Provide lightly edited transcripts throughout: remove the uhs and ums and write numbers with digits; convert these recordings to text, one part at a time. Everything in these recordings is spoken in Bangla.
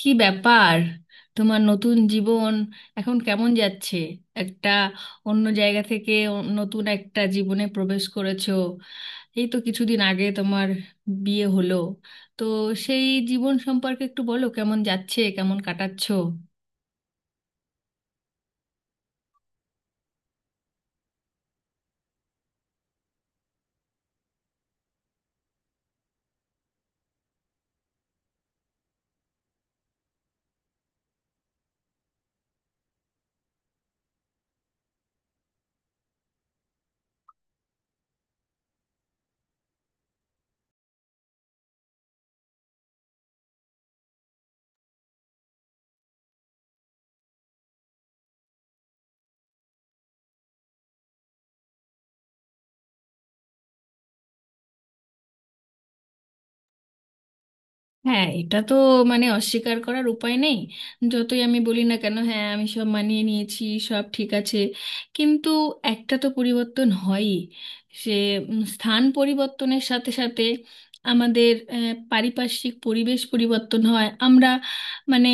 কি ব্যাপার? তোমার নতুন জীবন এখন কেমন যাচ্ছে? একটা অন্য জায়গা থেকে নতুন একটা জীবনে প্রবেশ করেছো। এই তো কিছুদিন আগে তোমার বিয়ে হলো। তো সেই জীবন সম্পর্কে একটু বলো, কেমন যাচ্ছে, কেমন কাটাচ্ছো? হ্যাঁ, এটা তো মানে অস্বীকার করার উপায় নেই। যতই আমি বলি না কেন হ্যাঁ আমি সব মানিয়ে নিয়েছি, সব ঠিক আছে, কিন্তু একটা তো পরিবর্তন হয়ই। সে স্থান পরিবর্তনের সাথে সাথে আমাদের পারিপার্শ্বিক পরিবেশ পরিবর্তন হয়, আমরা মানে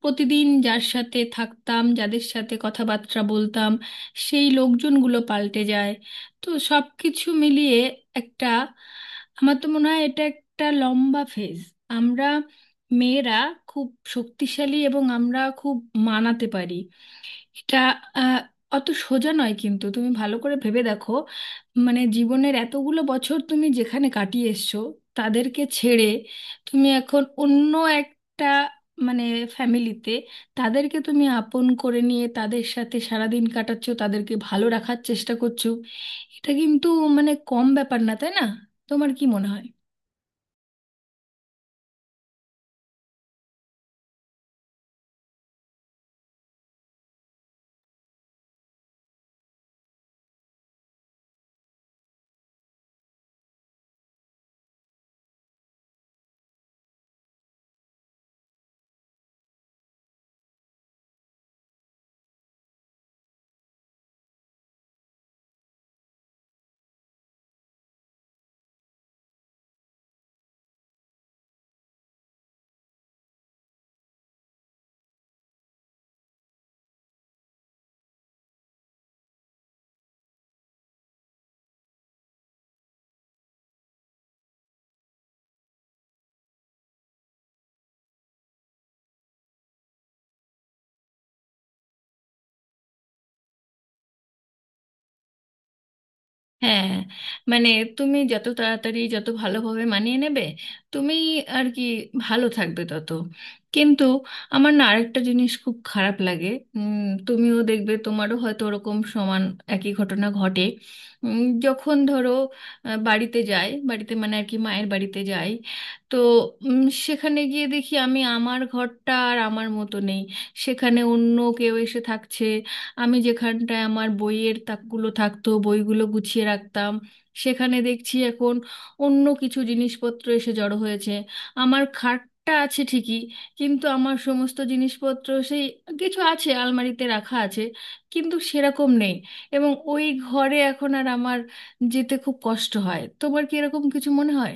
প্রতিদিন যার সাথে থাকতাম যাদের সাথে কথাবার্তা বলতাম সেই লোকজনগুলো পাল্টে যায়। তো সব কিছু মিলিয়ে একটা, আমার তো মনে হয় এটা একটা লম্বা ফেজ। আমরা মেয়েরা খুব শক্তিশালী এবং আমরা খুব মানাতে পারি। এটা আহ, অত সোজা নয়, কিন্তু তুমি ভালো করে ভেবে দেখো মানে জীবনের এতগুলো বছর তুমি যেখানে কাটিয়ে এসছো তাদেরকে ছেড়ে তুমি এখন অন্য একটা মানে ফ্যামিলিতে তাদেরকে তুমি আপন করে নিয়ে তাদের সাথে সারাদিন কাটাচ্ছো, তাদেরকে ভালো রাখার চেষ্টা করছো। এটা কিন্তু মানে কম ব্যাপার না, তাই না? তোমার কি মনে হয়? হ্যাঁ, মানে তুমি যত তাড়াতাড়ি যত ভালোভাবে মানিয়ে নেবে তুমি আর কি ভালো থাকবে তত। কিন্তু আমার না আরেকটা জিনিস খুব খারাপ লাগে। উম, তুমিও দেখবে তোমারও হয়তো ওরকম সমান একই ঘটনা ঘটে। যখন ধরো বাড়িতে যাই, বাড়িতে মানে আর কি মায়ের বাড়িতে যাই, তো উম, সেখানে গিয়ে দেখি আমি আমার ঘরটা আর আমার মতো নেই, সেখানে অন্য কেউ এসে থাকছে। আমি যেখানটায় আমার বইয়ের তাকগুলো থাকতো, বইগুলো গুছিয়ে রাখতাম, সেখানে দেখছি এখন অন্য কিছু জিনিসপত্র এসে জড়ো হয়েছে। আমার খাটটা আছে ঠিকই কিন্তু আমার সমস্ত জিনিসপত্র সেই, কিছু আছে আলমারিতে রাখা আছে কিন্তু সেরকম নেই। এবং ওই ঘরে এখন আর আমার যেতে খুব কষ্ট হয়। তোমার কি এরকম কিছু মনে হয়?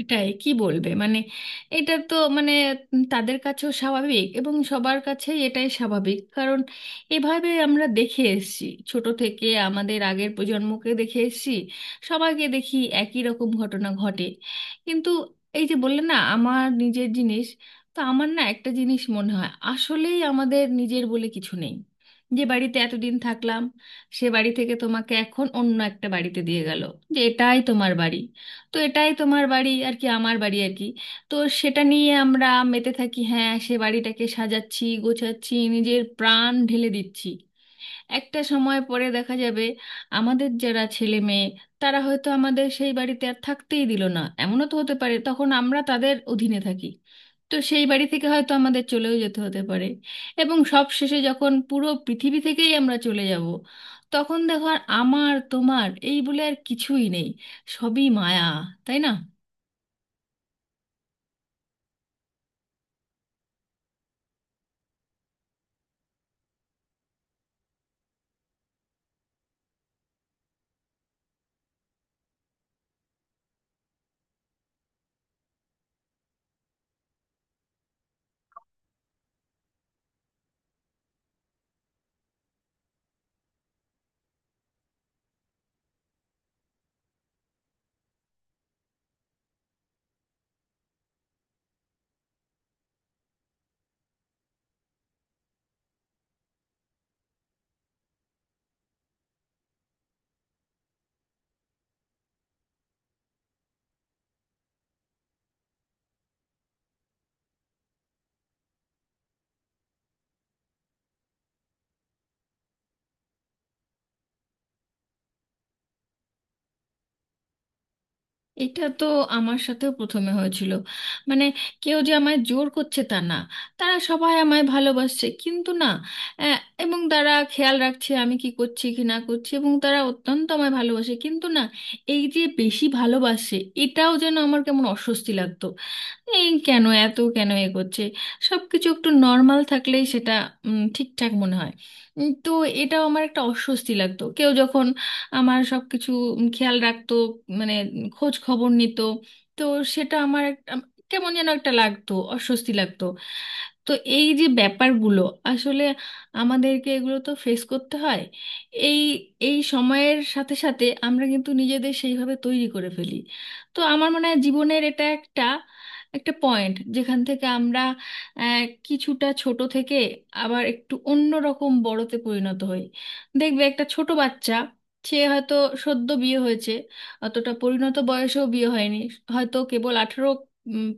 এটাই কি বলবে মানে, এটা তো মানে তাদের কাছেও স্বাভাবিক এবং সবার কাছেই এটাই স্বাভাবিক, কারণ এভাবে আমরা দেখে এসেছি, ছোট থেকে আমাদের আগের প্রজন্মকে দেখে এসেছি, সবাইকে দেখি একই রকম ঘটনা ঘটে। কিন্তু এই যে বললে না আমার নিজের জিনিস, তো আমার না একটা জিনিস মনে হয় আসলেই আমাদের নিজের বলে কিছু নেই। যে বাড়িতে এতদিন থাকলাম সে বাড়ি থেকে তোমাকে এখন অন্য একটা বাড়িতে দিয়ে গেল যে এটাই তোমার বাড়ি। তো এটাই তোমার বাড়ি আর কি, আমার বাড়ি আর কি। তো সেটা নিয়ে আমরা মেতে থাকি, হ্যাঁ, সে বাড়িটাকে সাজাচ্ছি গোছাচ্ছি নিজের প্রাণ ঢেলে দিচ্ছি। একটা সময় পরে দেখা যাবে আমাদের যারা ছেলে মেয়ে তারা হয়তো আমাদের সেই বাড়িতে আর থাকতেই দিল না, এমনও তো হতে পারে, তখন আমরা তাদের অধীনে থাকি। তো সেই বাড়ি থেকে হয়তো আমাদের চলেও যেতে হতে পারে। এবং সব শেষে যখন পুরো পৃথিবী থেকেই আমরা চলে যাব, তখন দেখো আর আমার তোমার এই বলে আর কিছুই নেই। সবই মায়া, তাই না? এটা তো আমার সাথেও প্রথমে হয়েছিল। মানে কেউ যে আমায় জোর করছে তা না, তারা সবাই আমায় ভালোবাসছে কিন্তু না, আহ, এবং তারা খেয়াল রাখছে আমি কি করছি কি না করছি এবং তারা অত্যন্ত আমায় ভালোবাসে, কিন্তু না, এই যে বেশি ভালোবাসে এটাও যেন আমার কেমন অস্বস্তি লাগতো। এই কেন এত, কেন এ করছে? সবকিছু একটু নর্মাল থাকলেই সেটা ঠিকঠাক মনে হয়। তো এটাও আমার একটা অস্বস্তি লাগতো কেউ যখন আমার সবকিছু খেয়াল রাখতো, মানে খোঁজ খবর নিত, তো সেটা আমার কেমন যেন একটা লাগতো, অস্বস্তি লাগতো। তো এই যে ব্যাপারগুলো, আসলে আমাদেরকে এগুলো তো ফেস করতে হয়। এই এই সময়ের সাথে সাথে আমরা কিন্তু নিজেদের সেইভাবে তৈরি করে ফেলি। তো আমার মনে হয় জীবনের এটা একটা একটা পয়েন্ট যেখান থেকে আমরা আহ, কিছুটা ছোট থেকে আবার একটু অন্য রকম বড়তে পরিণত হই। দেখবে একটা ছোট বাচ্চা, সে হয়তো সদ্য বিয়ে হয়েছে, অতটা পরিণত বয়সেও বিয়ে হয়নি, হয়তো কেবল আঠেরো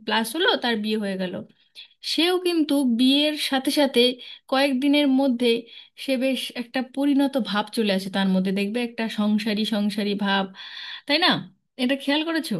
প্লাস হলো তার বিয়ে হয়ে গেল, সেও কিন্তু বিয়ের সাথে সাথে কয়েকদিনের মধ্যে সে বেশ একটা পরিণত ভাব চলে আসে তার মধ্যে, দেখবে একটা সংসারী সংসারী ভাব। তাই না? এটা খেয়াল করেছো?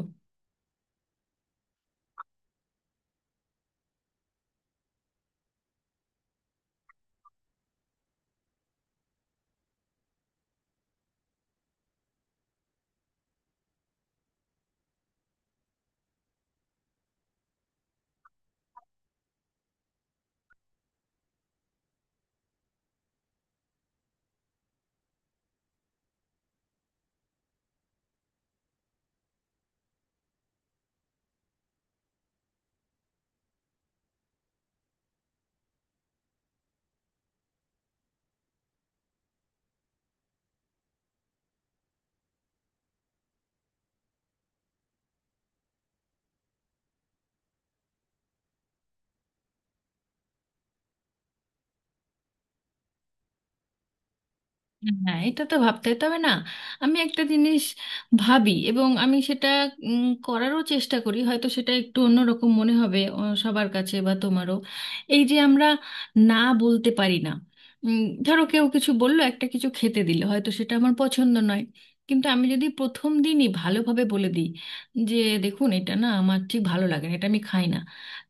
হ্যাঁ, এটা তো ভাবতে হয়। তবে না আমি একটা জিনিস ভাবি এবং আমি সেটা করারও চেষ্টা করি, হয়তো সেটা একটু অন্যরকম মনে হবে সবার কাছে বা তোমারও। এই যে আমরা না বলতে পারি না, উম, ধরো কেউ কিছু বললো, একটা কিছু খেতে দিল, হয়তো সেটা আমার পছন্দ নয়, কিন্তু আমি যদি প্রথম দিনই ভালোভাবে বলে দিই যে দেখুন, এটা না আমার ঠিক ভালো লাগে না, এটা আমি খাই না,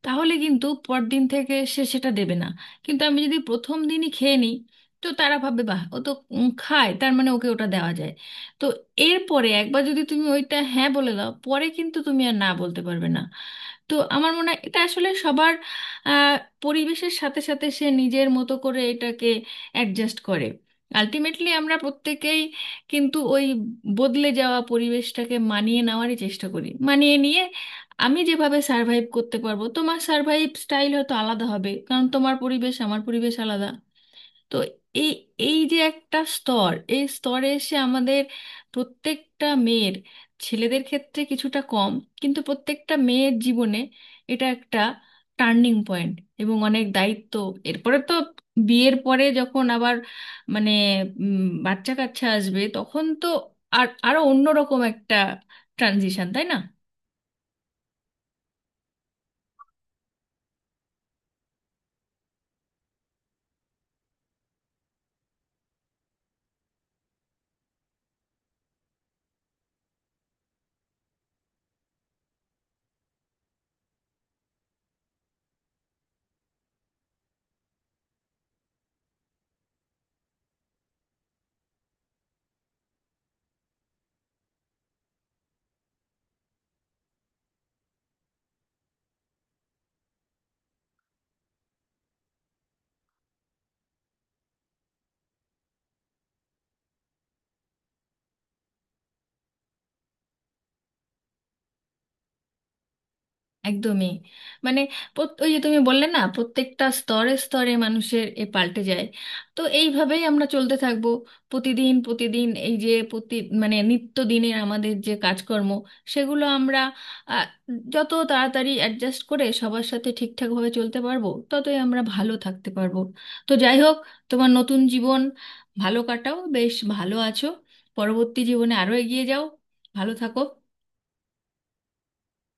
তাহলে কিন্তু পরদিন থেকে সে সেটা দেবে না। কিন্তু আমি যদি প্রথম দিনই খেয়ে নিই, তো তারা ভাববে বাহ, ও তো খায়, তার মানে ওকে ওটা দেওয়া যায়। তো এরপরে একবার যদি তুমি ওইটা হ্যাঁ বলে দাও পরে কিন্তু তুমি আর না বলতে পারবে না। তো আমার মনে হয় এটা আসলে সবার আহ, পরিবেশের সাথে সাথে সে নিজের মতো করে এটাকে অ্যাডজাস্ট করে। আলটিমেটলি আমরা প্রত্যেকেই কিন্তু ওই বদলে যাওয়া পরিবেশটাকে মানিয়ে নেওয়ারই চেষ্টা করি, মানিয়ে নিয়ে আমি যেভাবে সার্ভাইভ করতে পারবো তোমার সার্ভাইভ স্টাইল হয়তো আলাদা হবে, কারণ তোমার পরিবেশ আমার পরিবেশ আলাদা। তো এই এই যে একটা স্তর, এই স্তরে এসে আমাদের প্রত্যেকটা মেয়ের, ছেলেদের ক্ষেত্রে কিছুটা কম, কিন্তু প্রত্যেকটা মেয়ের জীবনে এটা একটা টার্নিং পয়েন্ট এবং অনেক দায়িত্ব। এরপরে তো বিয়ের পরে যখন আবার মানে বাচ্চা কাচ্চা আসবে তখন তো আর আরো অন্যরকম একটা ট্রানজিশন, তাই না? একদমই। মানে ওই যে তুমি বললে না প্রত্যেকটা স্তরে স্তরে মানুষের এ পাল্টে যায়। তো এইভাবেই আমরা চলতে থাকবো। প্রতিদিন প্রতিদিন এই যে প্রতি মানে নিত্য দিনের আমাদের যে কাজকর্ম, সেগুলো আমরা আহ, যত তাড়াতাড়ি অ্যাডজাস্ট করে সবার সাথে ঠিকঠাকভাবে চলতে পারবো ততই আমরা ভালো থাকতে পারবো। তো যাই হোক, তোমার নতুন জীবন ভালো কাটাও, বেশ ভালো আছো, পরবর্তী জীবনে আরো এগিয়ে যাও, ভালো থাকো।